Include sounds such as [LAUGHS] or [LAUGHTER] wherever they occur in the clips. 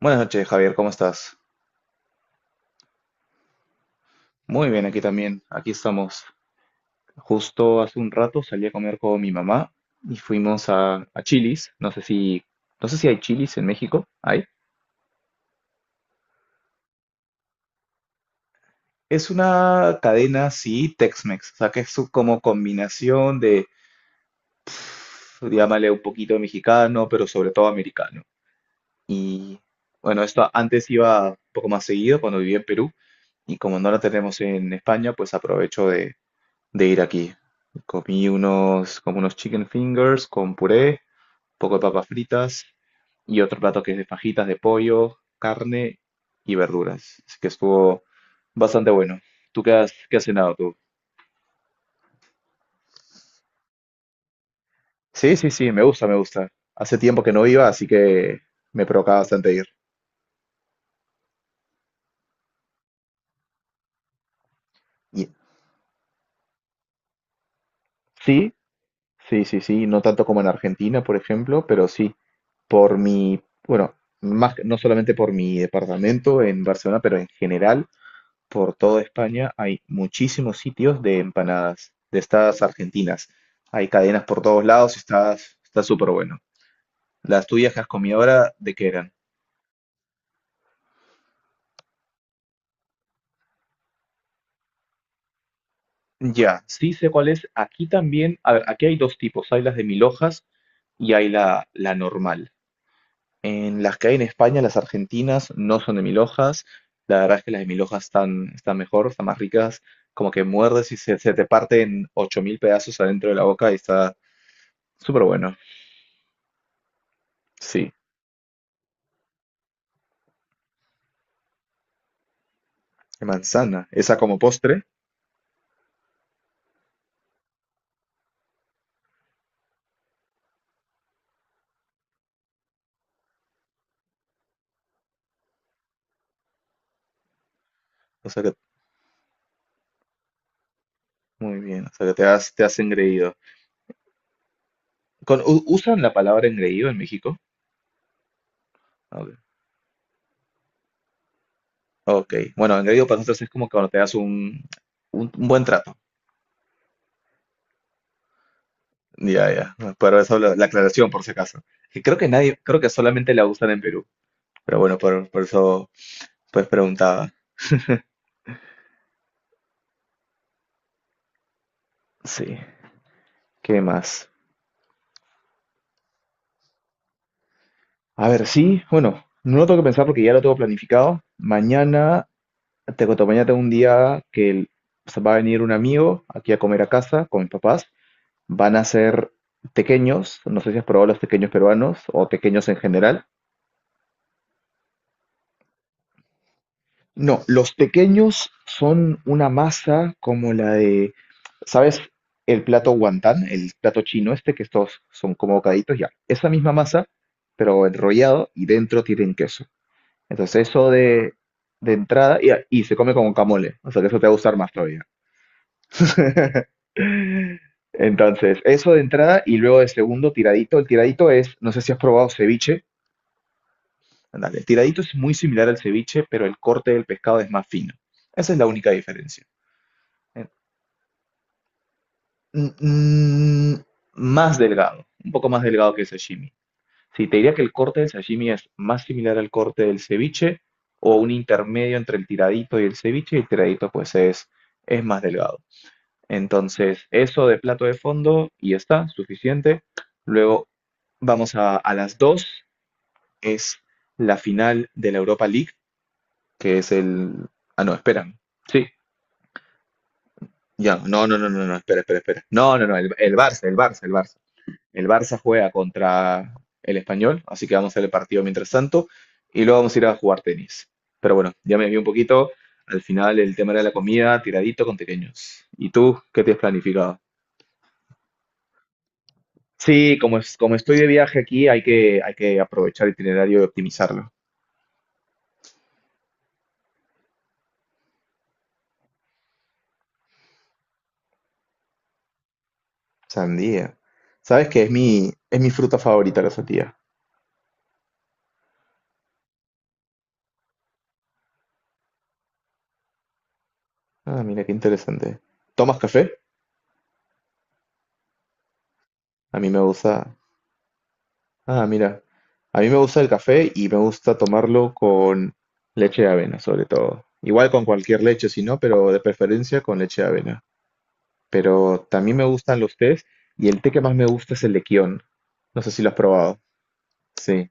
Buenas noches, Javier, ¿cómo estás? Muy bien, aquí también, aquí estamos. Justo hace un rato salí a comer con mi mamá y fuimos a Chili's. No sé si hay Chili's en México. ¿Hay? Es una cadena, sí, Tex-Mex. O sea, que como combinación de, llámale un poquito mexicano, pero sobre todo americano. Y bueno, esto antes iba un poco más seguido cuando vivía en Perú. Y como no la tenemos en España, pues aprovecho de ir aquí. Comí unos, como unos chicken fingers con puré, un poco de papas fritas y otro plato que es de fajitas de pollo, carne y verduras. Así que estuvo bastante bueno. ¿Tú qué qué has cenado tú? Sí, sí, sí, me gusta, me gusta. Hace tiempo que no iba, así que me provocaba bastante ir. Y- sí, sí, sí, sí, no tanto como en Argentina, por ejemplo, pero sí, por mi, bueno, no solamente por mi departamento en Barcelona, pero en general. Por toda España hay muchísimos sitios de empanadas, de estas argentinas. Hay cadenas por todos lados, está súper bueno. Las tuyas que has comido ahora, ¿de qué eran? Ya, sí sé cuál es. Aquí también, a ver, aquí hay dos tipos, hay las de mil hojas y hay la normal. En las que hay en España, las argentinas no son de mil hojas. La verdad es que las de mil hojas están mejor, están más ricas. Como que muerdes y se te parten 8.000 pedazos adentro de la boca y está súper bueno. Sí. De manzana. Esa como postre. O sea que, muy bien. O sea que te te has engreído. ¿Usan la palabra engreído en México? Ok. Ok. Bueno, engreído para nosotros es como cuando te das un buen trato. Ya, ya. Pero eso la aclaración, por si acaso. Que creo que nadie, creo que solamente la usan en Perú. Pero bueno, por eso pues preguntaba. Sí. ¿Qué más? A ver, sí, bueno, no lo tengo que pensar porque ya lo tengo planificado. Mañana Te cuento, mañana tengo un día se va a venir un amigo aquí a comer a casa con mis papás. Van a ser tequeños, no sé si has probado los tequeños peruanos o tequeños en general. No, los tequeños son una masa como la de, ¿sabes? El plato guantán, el plato chino este, que estos son como bocaditos, ya. Esa misma masa, pero enrollado y dentro tienen queso. Entonces eso de entrada y se come con guacamole, o sea que eso te va a gustar más todavía. [LAUGHS] Entonces, eso de entrada y luego de segundo, tiradito. El tiradito es, no sé si has probado ceviche. Ándale, el tiradito es muy similar al ceviche, pero el corte del pescado es más fino. Esa es la única diferencia. Eh, mm, mm, más delgado, un poco más delgado que el sashimi. Sí, te diría que el corte del sashimi es más similar al corte del ceviche o un intermedio entre el tiradito y el ceviche, y el tiradito pues es más delgado. Entonces, eso de plato de fondo y ya está, suficiente. Luego vamos a las 2 es la final de la Europa League, que es el... Ah, no, esperan. Sí, ya, no, no, no, no, no, espera, espera, espera. No, no, no, el Barça, el Barça, el Barça. El Barça juega contra el Español, así que vamos a hacer el partido mientras tanto y luego vamos a ir a jugar tenis. Pero bueno, ya me vi un poquito. Al final el tema de la comida, tiradito con pequeños. ¿Y tú qué te has planificado? Sí, como estoy de viaje aquí, hay que aprovechar el itinerario y optimizarlo. Sandía. ¿Sabes qué? Es mi fruta favorita, la sandía. Ah, mira, qué interesante. ¿Tomas café? A mí me gusta. Ah, mira. A mí me gusta el café y me gusta tomarlo con leche de avena, sobre todo. Igual con cualquier leche, si no, pero de preferencia con leche de avena. Pero también me gustan los tés y el té que más me gusta es el de Kion. No sé si lo has probado. Sí.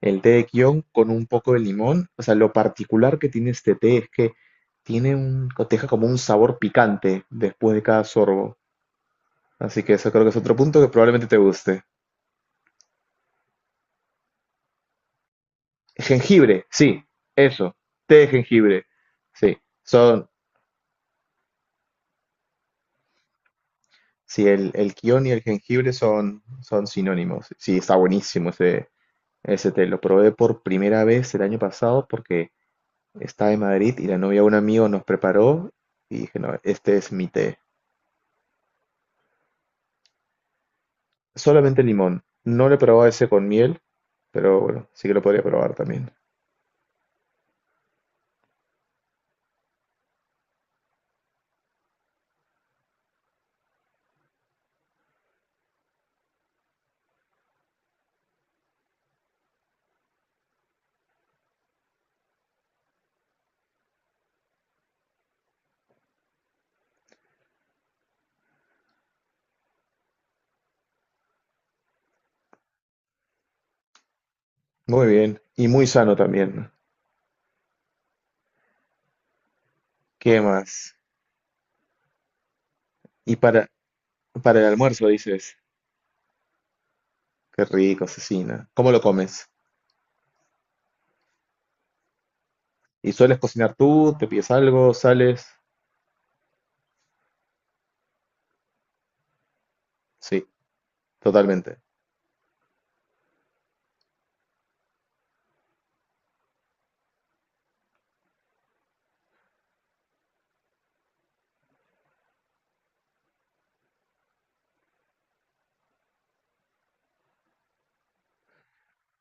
El té de Kion con un poco de limón. O sea, lo particular que tiene este té es que tiene te deja como un sabor picante después de cada sorbo. Así que eso creo que es otro punto que probablemente te guste. Jengibre, sí, eso. Té de jengibre. Sí, son, sí, el kion y el jengibre son sinónimos. Sí, está buenísimo ese té. Lo probé por primera vez el año pasado porque estaba en Madrid y la novia de un amigo nos preparó y dije, no, este es mi té. Solamente limón. No lo he probado ese con miel, pero bueno, sí que lo podría probar también. Muy bien. Y muy sano también. ¿Qué más? Y para, para el almuerzo dices, qué rico, cecina. ¿Cómo lo comes? ¿Y sueles cocinar tú? ¿Te pides algo? ¿Sales? Sí, totalmente.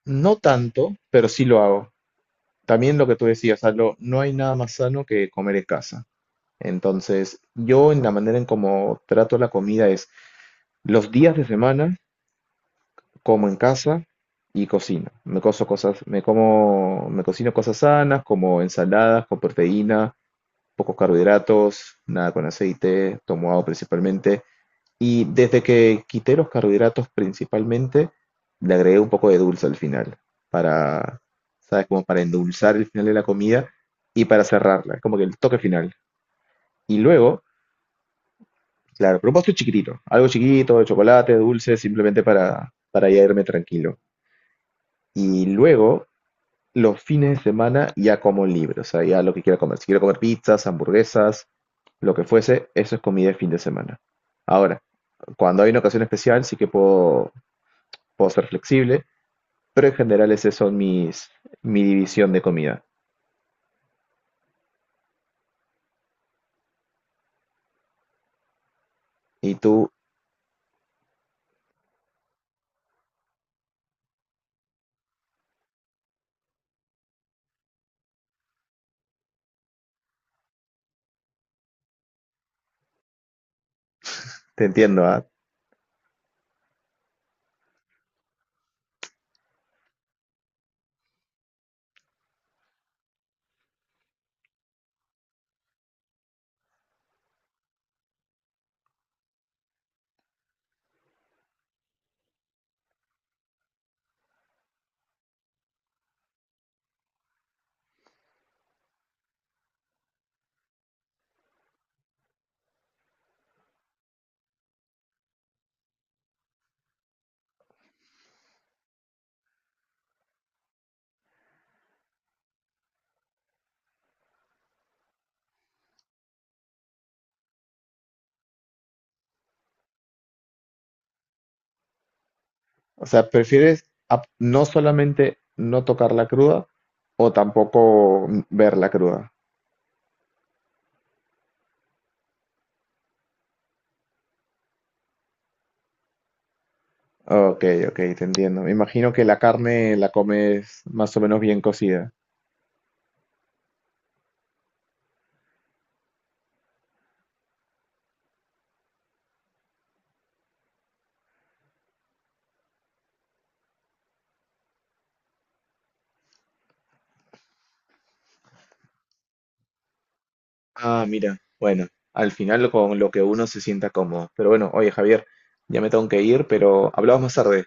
No tanto, pero sí lo hago. También lo que tú decías, Aldo, no hay nada más sano que comer en casa. Entonces, yo en la manera en cómo trato la comida es los días de semana como en casa y cocino. Me coso cosas, me como, me cocino cosas sanas, como ensaladas con proteína, pocos carbohidratos, nada con aceite, tomo agua principalmente. Y desde que quité los carbohidratos principalmente, le agregué un poco de dulce al final, para, ¿sabes? Como para endulzar el final de la comida y para cerrarla, como que el toque final. Y luego, claro, pero un postre chiquitito, algo chiquito, de chocolate, dulce, simplemente para ya irme tranquilo. Y luego los fines de semana ya como libre, o sea, ya lo que quiera comer. Si quiero comer pizzas, hamburguesas, lo que fuese, eso es comida de fin de semana. Ahora, cuando hay una ocasión especial, sí que puedo ser flexible, pero en general mi división de comida. Y tú, te entiendo, ¿ah? O sea, prefieres no solamente no tocarla cruda o tampoco verla cruda. Ok, ok, te entiendo. Me imagino que la carne la comes más o menos bien cocida. Ah, mira, bueno, al final con lo que uno se sienta cómodo. Pero bueno, oye Javier, ya me tengo que ir, pero hablamos más tarde.